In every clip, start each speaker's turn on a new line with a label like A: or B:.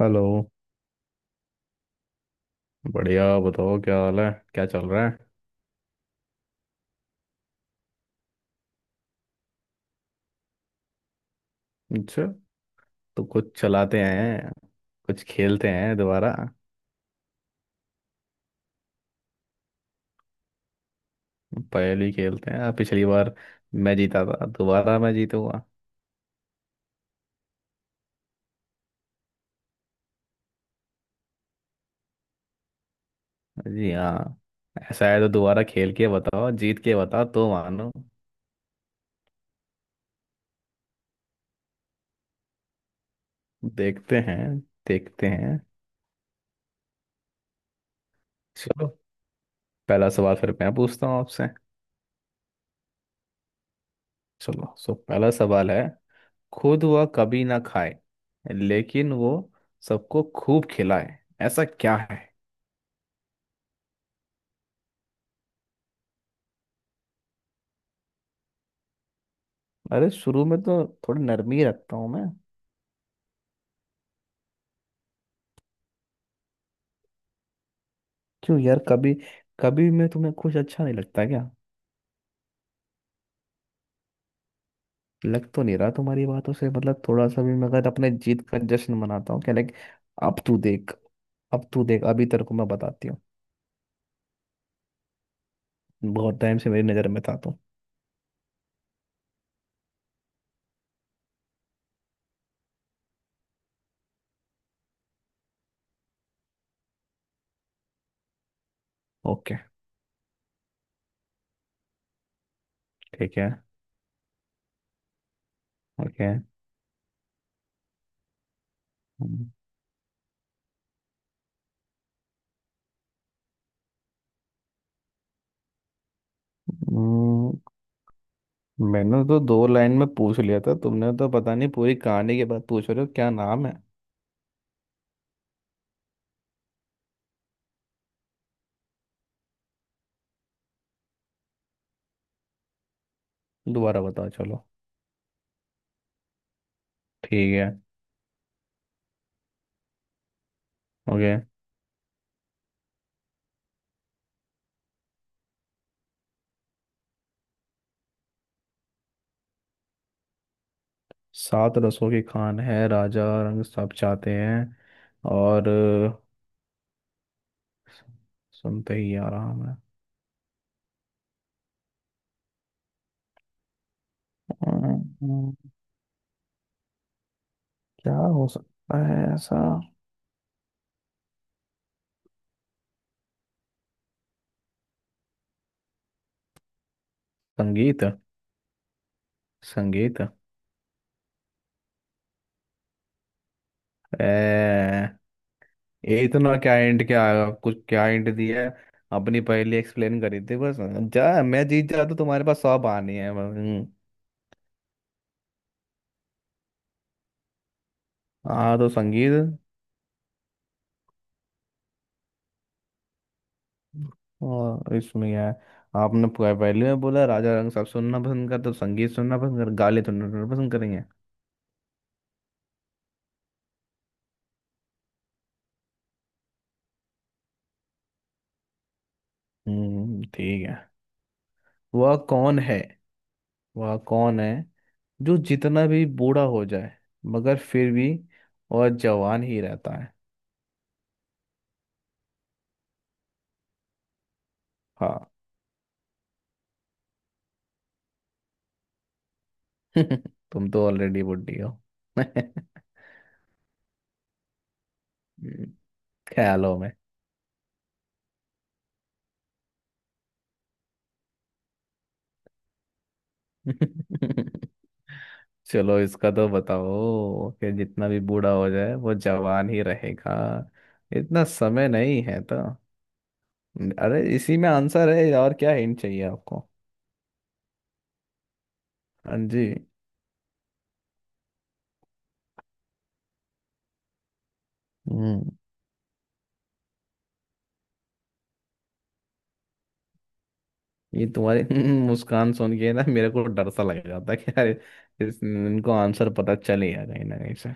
A: Hello. बढ़िया, बताओ क्या हाल है? क्या चल रहा है? अच्छा। तो कुछ चलाते हैं, कुछ खेलते हैं दोबारा। पहेली खेलते हैं, पिछली बार मैं जीता था, दोबारा मैं जीतूंगा। जी हाँ। ऐसा है तो दोबारा खेल के बताओ, जीत के बताओ तो मानो। देखते हैं, देखते हैं। चलो, पहला सवाल फिर मैं पूछता हूँ आपसे। चलो, सो पहला सवाल है। खुद वह कभी ना खाए, लेकिन वो सबको खूब खिलाए। ऐसा क्या है? अरे शुरू में तो थोड़ी नरमी ही रखता हूँ मैं। क्यों यार, कभी कभी मैं तुम्हें कुछ अच्छा नहीं लगता क्या? लग तो नहीं रहा तुम्हारी बातों से। मतलब थोड़ा सा भी मैं अगर अपने जीत का जश्न मनाता हूँ, क्या लाइक। अब तू देख, अब तू देख अभी तेरे को मैं बताती हूँ। बहुत टाइम से मेरी नज़र में था तू। ओके। ठीक है। ओके। हम्म, मैंने तो दो लाइन में पूछ लिया था, तुमने तो पता नहीं पूरी कहानी के बाद पूछ रहे हो क्या नाम है। दोबारा बताओ, चलो। ठीक है। ओके। सात रसों की खान है, राजा रंग सब चाहते हैं। और सुनते ही आ रहा मैं। अम्म, क्या हो सकता है ऐसा? संगीत। संगीत। ए, ये इतना क्या हिंट, क्या आएगा? कुछ क्या हिंट दिया है? अपनी पहेली एक्सप्लेन करी थी बस। जा, मैं जीत जाता तो तुम्हारे पास 100 आने हैं। हम्म। हाँ तो संगीत। और इसमें क्या है? आपने पहले में बोला राजा रंग साहब सुनना पसंद करते तो संगीत सुनना पसंद कर गाले तो सुनना पसंद करेंगे। हम्म, ठीक है। वह कौन है? वह कौन है जो जितना भी बूढ़ा हो जाए मगर फिर भी और जवान ही रहता है? हाँ। तुम तो ऑलरेडी बुढ़ी हो। ख्यालों में। चलो, इसका तो बताओ कि जितना भी बूढ़ा हो जाए वो जवान ही रहेगा। इतना समय नहीं है तो। अरे, इसी में आंसर है, और क्या हिंट चाहिए आपको? हाँ जी। हम्म। ये तुम्हारी मुस्कान सुन के ना मेरे को डर सा लग रहा था कि यार इस इनको आंसर पता चल ही गया कहीं ना कहीं से।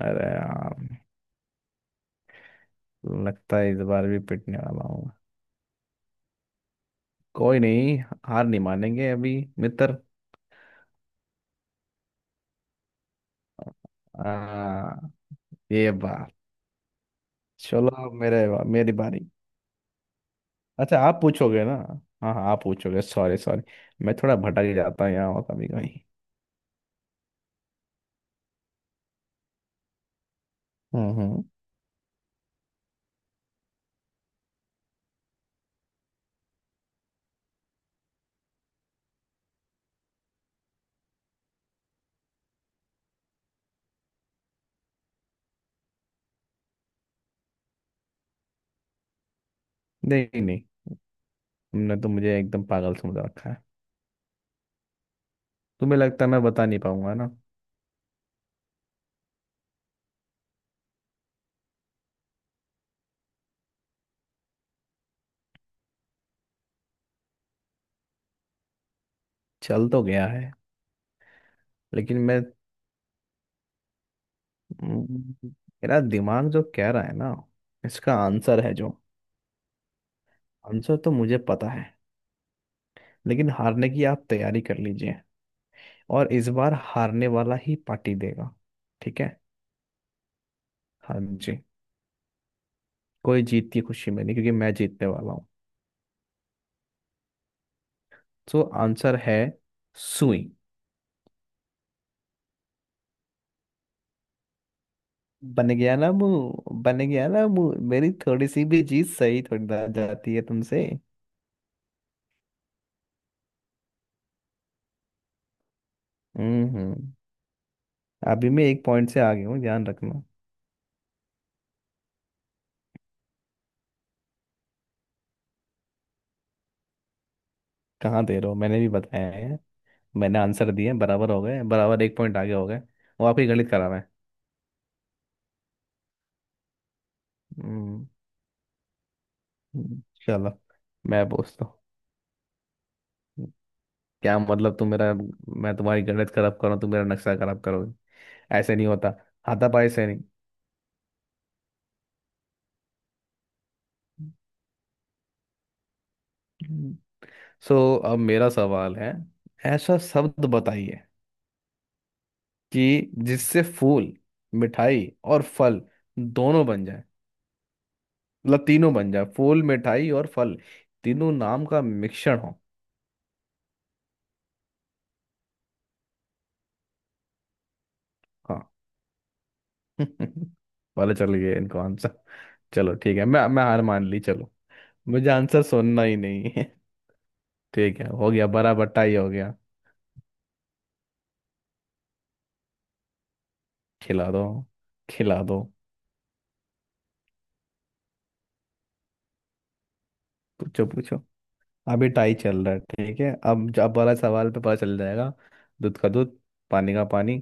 A: अरे यार, लगता है इस बार भी पिटने वाला हूँ। कोई नहीं, हार नहीं मानेंगे अभी, मित्र। आ, ये बात। चलो, अब मेरे मेरी बारी। अच्छा, आप पूछोगे ना? हाँ हाँ, आप पूछोगे। Sorry sorry. मैं थोड़ा भटक ही जाता हूँ यहाँ और कभी कभी। हम्म। नहीं नहीं, तुमने तो मुझे एकदम पागल समझ रखा है। तुम्हें लगता है मैं बता नहीं पाऊंगा ना? चल तो गया है। लेकिन मैं, हम्म, मेरा दिमाग जो कह रहा है ना, इसका आंसर है जो। आंसर तो मुझे पता है, लेकिन हारने की आप तैयारी कर लीजिए। और इस बार हारने वाला ही पार्टी देगा। ठीक है? हाँ जी। कोई जीत की खुशी में नहीं, क्योंकि मैं जीतने वाला हूँ। तो आंसर है सुई। बन गया ना मुंह, बन गया ना मुंह। मेरी थोड़ी सी भी चीज सही थोड़ी ना जाती है तुमसे। हम्म हम्म। अभी मैं 1 पॉइंट से आगे हूँ, ध्यान रखना। कहाँ दे रहे हो? मैंने भी बताया है। मैंने आंसर दिए, बराबर हो गए बराबर, 1 पॉइंट आगे हो गए। वो आपकी गणित करा है। हम्म। हम्म, चलो मैं पूछता हूँ। क्या मतलब तुम मेरा, मैं तुम्हारी गणित खराब करूँ, तुम मेरा नक्शा खराब करोगे? ऐसे नहीं होता हाथापाई से। नहीं। सो अब मेरा सवाल है। ऐसा शब्द बताइए कि जिससे फूल, मिठाई और फल दोनों बन जाए। मतलब तीनों बन जाए, फूल मिठाई और फल, तीनों नाम का मिश्रण हो। हाँ। पता चल गया इनको आंसर। चलो ठीक है, मैं हार मान ली, चलो। मुझे आंसर सुनना ही नहीं है। ठीक है, हो गया, बड़ा बट्टा ही हो गया। खिला दो, खिला दो। पूछो पूछो। अभी टाई चल रहा है, ठीक है? अब वाला सवाल पे पता चल जाएगा। दूध का दूध, पानी का पानी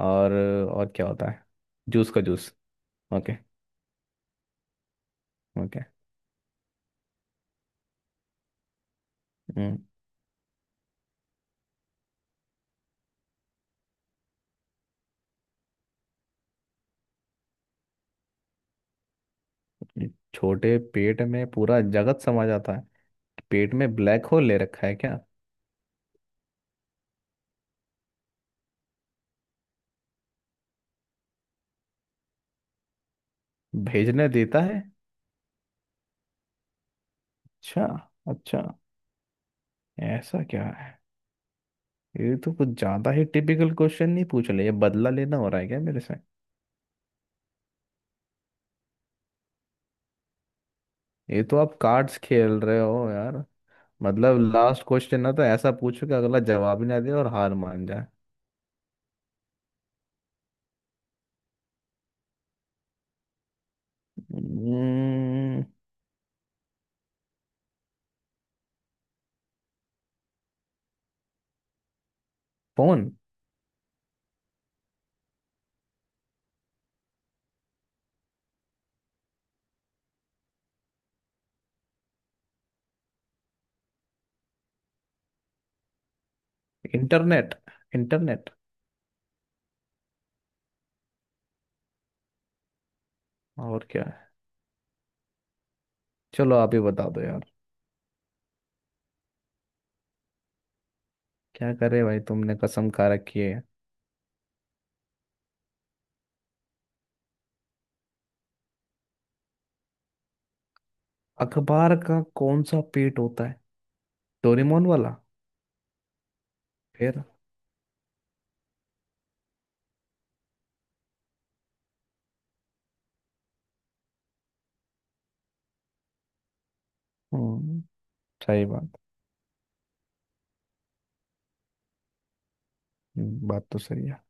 A: और और क्या होता है? जूस का जूस। ओके। ओके। हम्म, छोटे पेट में पूरा जगत समा जाता है। पेट में ब्लैक होल ले रखा है क्या? भेजने देता है। अच्छा। अच्छा। ऐसा क्या है? ये तो कुछ ज्यादा ही टिपिकल क्वेश्चन नहीं पूछ रहे, ये बदला लेना हो रहा है क्या मेरे से? ये तो आप कार्ड्स खेल रहे हो यार। मतलब लास्ट क्वेश्चन ना, तो ऐसा पूछो कि अगला जवाब ही ना दे और हार मान जाए। हम्म, फोन। इंटरनेट। इंटरनेट। और क्या है? चलो, आप ही बता दो यार। क्या करे भाई, तुमने कसम खा रखी है। अखबार का कौन सा पेट होता है? डोरेमोन वाला। फिर? हम्म। सही बात। बात तो सही है।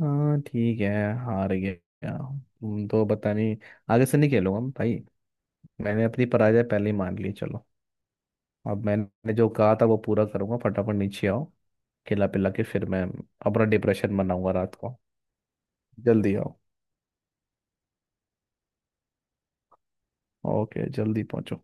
A: हाँ ठीक है। हार गया हूँ। तुम तो पता नहीं। आगे से नहीं खेलूंगा मैं भाई। मैंने अपनी पराजय पहले ही मान ली, चलो। अब मैंने जो कहा था वो पूरा करूंगा, फटाफट नीचे आओ। खिला पिला के फिर मैं अपना डिप्रेशन मनाऊंगा रात को। जल्दी आओ। ओके, जल्दी पहुंचो।